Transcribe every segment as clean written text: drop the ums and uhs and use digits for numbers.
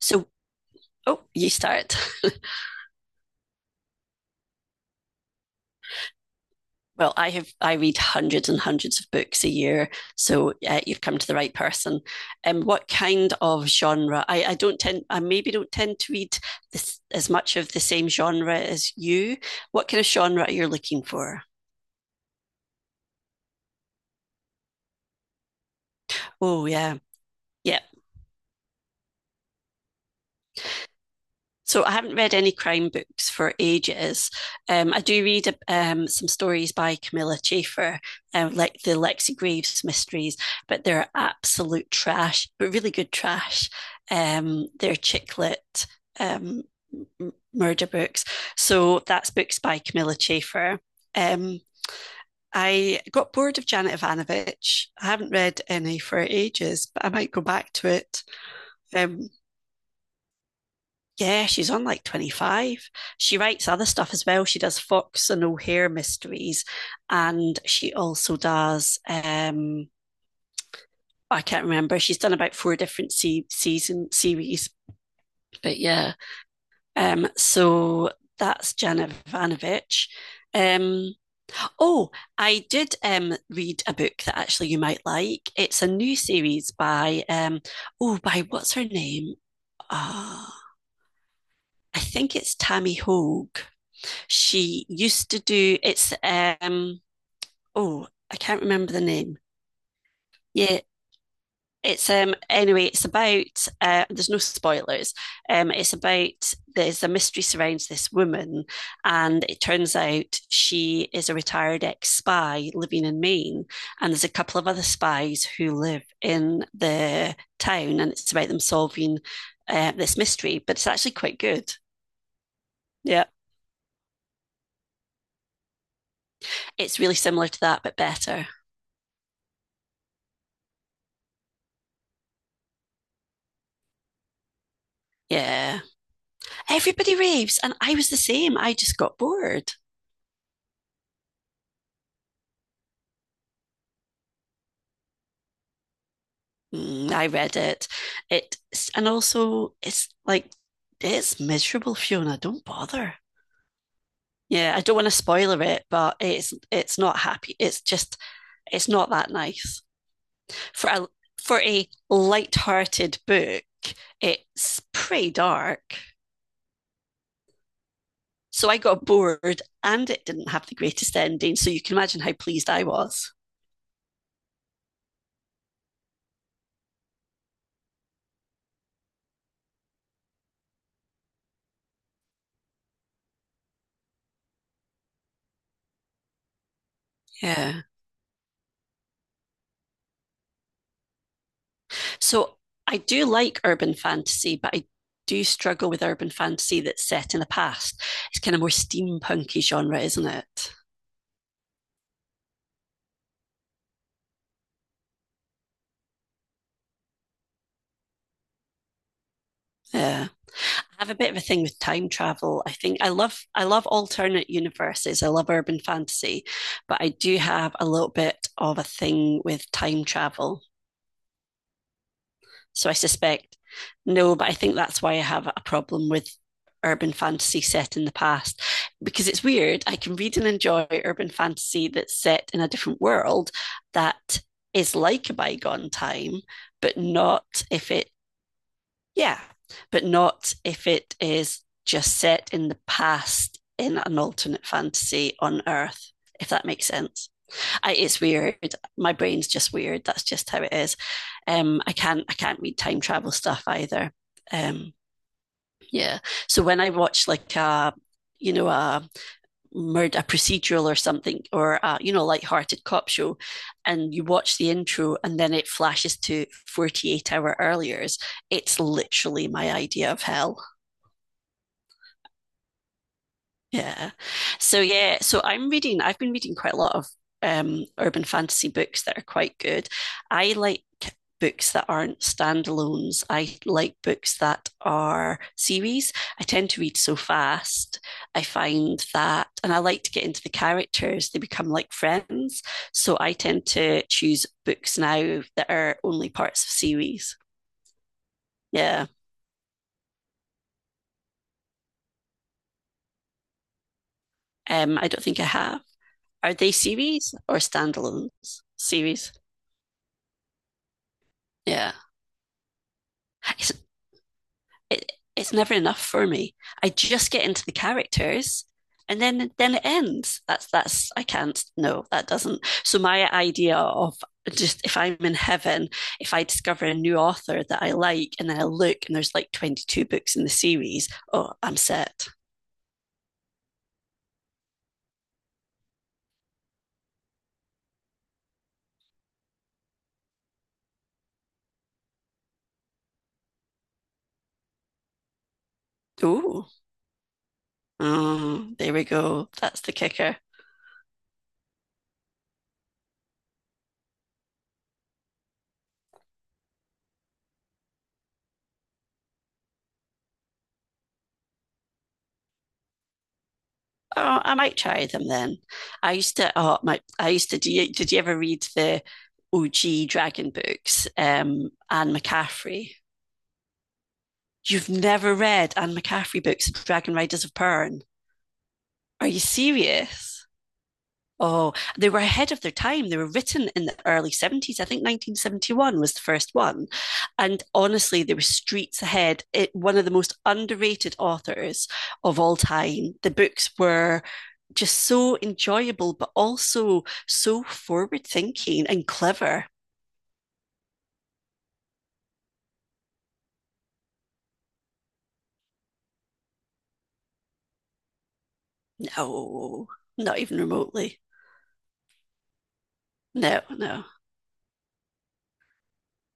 So, oh, you start. Well, I read hundreds and hundreds of books a year, so you've come to the right person. What kind of genre? I don't tend, I maybe don't tend to read this, as much of the same genre as you. What kind of genre are you looking for? Oh yeah, yeah. So I haven't read any crime books for ages. I do read some stories by Camilla Chafer, like the Lexi Graves mysteries, but they're absolute trash, but really good trash. They're chick lit, um, murder books. So that's books by Camilla Chafer. Um, I got bored of Janet Ivanovic. I haven't read any for ages, but I might go back to it. Um, yeah, she's on like 25. She writes other stuff as well. She does Fox and O'Hare mysteries, and she also does, I can't remember. She's done about four different season series, but yeah. So that's Jana Ivanovic. Um, oh, I did read a book that actually you might like. It's a new series by, oh, by what's her name? Ah, uh, I think it's Tammy Hogue. She used to do, it's um oh I can't remember the name. Yeah, it's anyway, it's about, there's no spoilers. It's about, there's a mystery surrounds this woman, and it turns out she is a retired ex spy living in Maine, and there's a couple of other spies who live in the town, and it's about them solving this mystery. But it's actually quite good. Yeah, it's really similar to that, but better. Yeah. Everybody raves, and I was the same. I just got bored. Mm, I read it. It, and also it's like, it's miserable, Fiona. Don't bother. Yeah, I don't want to spoiler it, but it's not happy. It's just, it's not that nice for a, for a light-hearted book. It's pretty dark. So I got bored, and it didn't have the greatest ending. So you can imagine how pleased I was. Yeah. So I do like urban fantasy, but I do struggle with urban fantasy that's set in the past. It's kind of more steampunky genre, isn't it? Yeah. I have a bit of a thing with time travel. I think I love alternate universes. I love urban fantasy, but I do have a little bit of a thing with time travel. So I suspect, no, but I think that's why I have a problem with urban fantasy set in the past, because it's weird. I can read and enjoy urban fantasy that's set in a different world that is like a bygone time, but not if it, yeah, but not if it is just set in the past in an alternate fantasy on Earth, if that makes sense. I, it's weird. My brain's just weird. That's just how it is. I can't, I can't read time travel stuff either. Um, yeah. So when I watch like a, a murder, a procedural or something, or a, lighthearted cop show, and you watch the intro and then it flashes to 48 hour earlier, it's literally my idea of hell. Yeah. So yeah, so I've been reading quite a lot of urban fantasy books that are quite good. I like books that aren't standalones. I like books that are series. I tend to read so fast. I find that, and I like to get into the characters. They become like friends. So I tend to choose books now that are only parts of series. Yeah. I don't think I have. Are they series or standalones? Series. Yeah. It's, it's never enough for me. I just get into the characters, and then it ends. That's I can't. No, that doesn't. So my idea of, just if I'm in heaven, if I discover a new author that I like, and then I look and there's like 22 books in the series, oh, I'm set. Oh, oh, there we go. That's the kicker. Oh, I might try them then. I used to, oh, my, I used to, do you, did you ever read the OG Dragon books? Anne McCaffrey. You've never read Anne McCaffrey books, Dragon Riders of Pern. Are you serious? Oh, they were ahead of their time. They were written in the early 70s. I think 1971 was the first one. And honestly, they were streets ahead. It, one of the most underrated authors of all time. The books were just so enjoyable, but also so forward thinking and clever. No, not even remotely. No, no.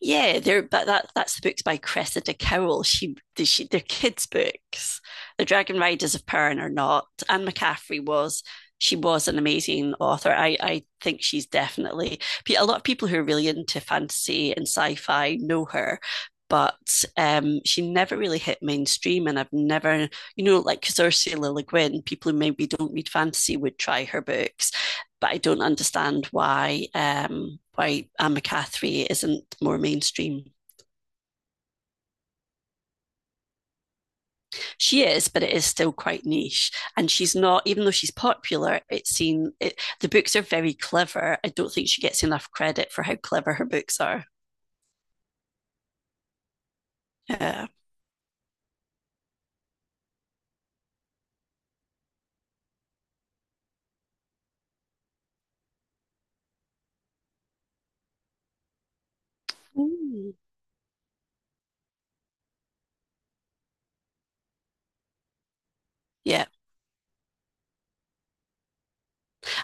Yeah, they're, but that's the books by Cressida Cowell. She they're kids' books. The Dragon Riders of Pern are not. Anne McCaffrey was. She was an amazing author. I think she's definitely a lot of people who are really into fantasy and sci-fi know her. But she never really hit mainstream, and I've never, you know, like because Ursula Le Guin, people who maybe don't read fantasy would try her books, but I don't understand why Anne McCaffrey isn't more mainstream. She is, but it is still quite niche, and she's not. Even though she's popular, it's seen. It, the books are very clever. I don't think she gets enough credit for how clever her books are. Yeah. Ooh. Yeah.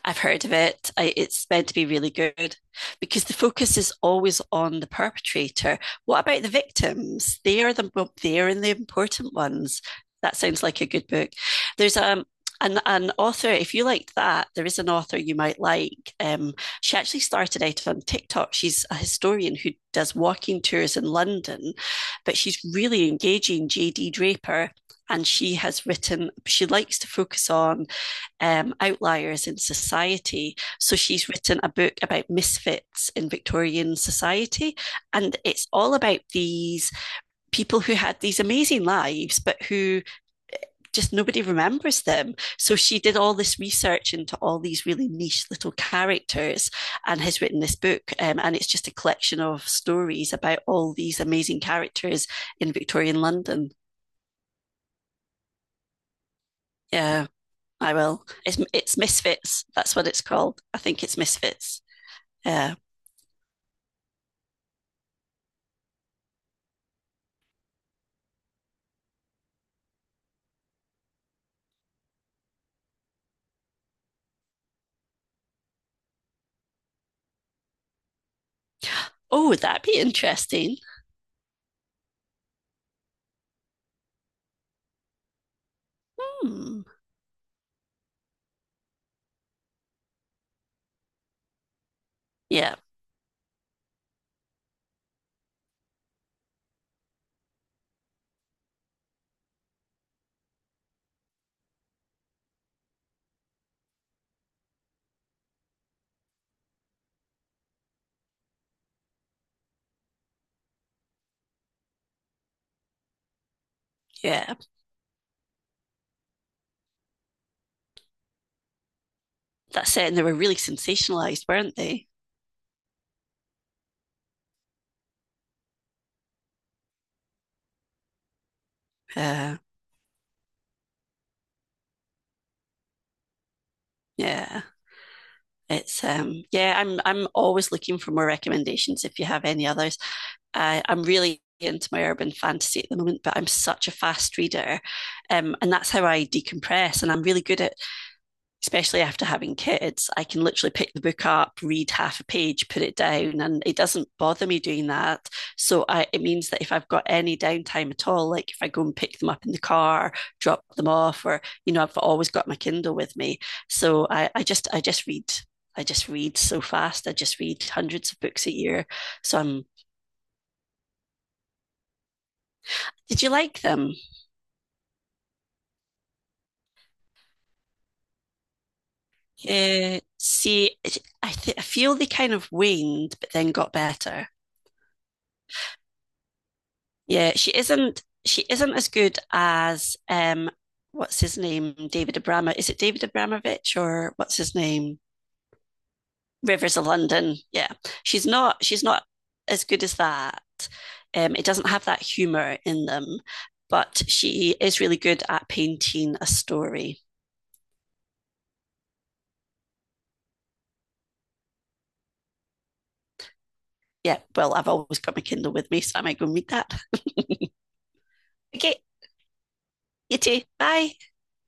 I've heard of it. I, it's meant to be really good, because the focus is always on the perpetrator. What about the victims? They are the, well, they are the important ones. That sounds like a good book. There's an author, if you liked that, there is an author you might like. She actually started out on TikTok. She's a historian who does walking tours in London, but she's really engaging, JD Draper. And she has written, she likes to focus on outliers in society. So she's written a book about misfits in Victorian society. And it's all about these people who had these amazing lives, but who just nobody remembers them. So she did all this research into all these really niche little characters and has written this book. And it's just a collection of stories about all these amazing characters in Victorian London. Yeah. I will. It's Misfits. That's what it's called. I think it's Misfits. Yeah. Oh, would that be interesting? Hmm. Yeah, yeah. That it. And they were really sensationalized, weren't they? Uh, yeah. It's yeah, I'm always looking for more recommendations if you have any others. I'm really into my urban fantasy at the moment, but I'm such a fast reader. And that's how I decompress. And I'm really good at, especially after having kids, I can literally pick the book up, read half a page, put it down, and it doesn't bother me doing that. So I, it means that if I've got any downtime at all, like if I go and pick them up in the car, drop them off, or you know, I've always got my Kindle with me. So I just, I just read. I just read so fast. I just read hundreds of books a year. So I'm. Did you like them? See, I feel they kind of waned, but then got better. Yeah, she isn't as good as what's his name? David Abrama. Is it David Abramovich or what's his name? Rivers of London. Yeah. She's not as good as that. It doesn't have that humor in them, but she is really good at painting a story. Yeah, well, I've always got my Kindle with me, so I might go and read that. Okay, you too. Bye.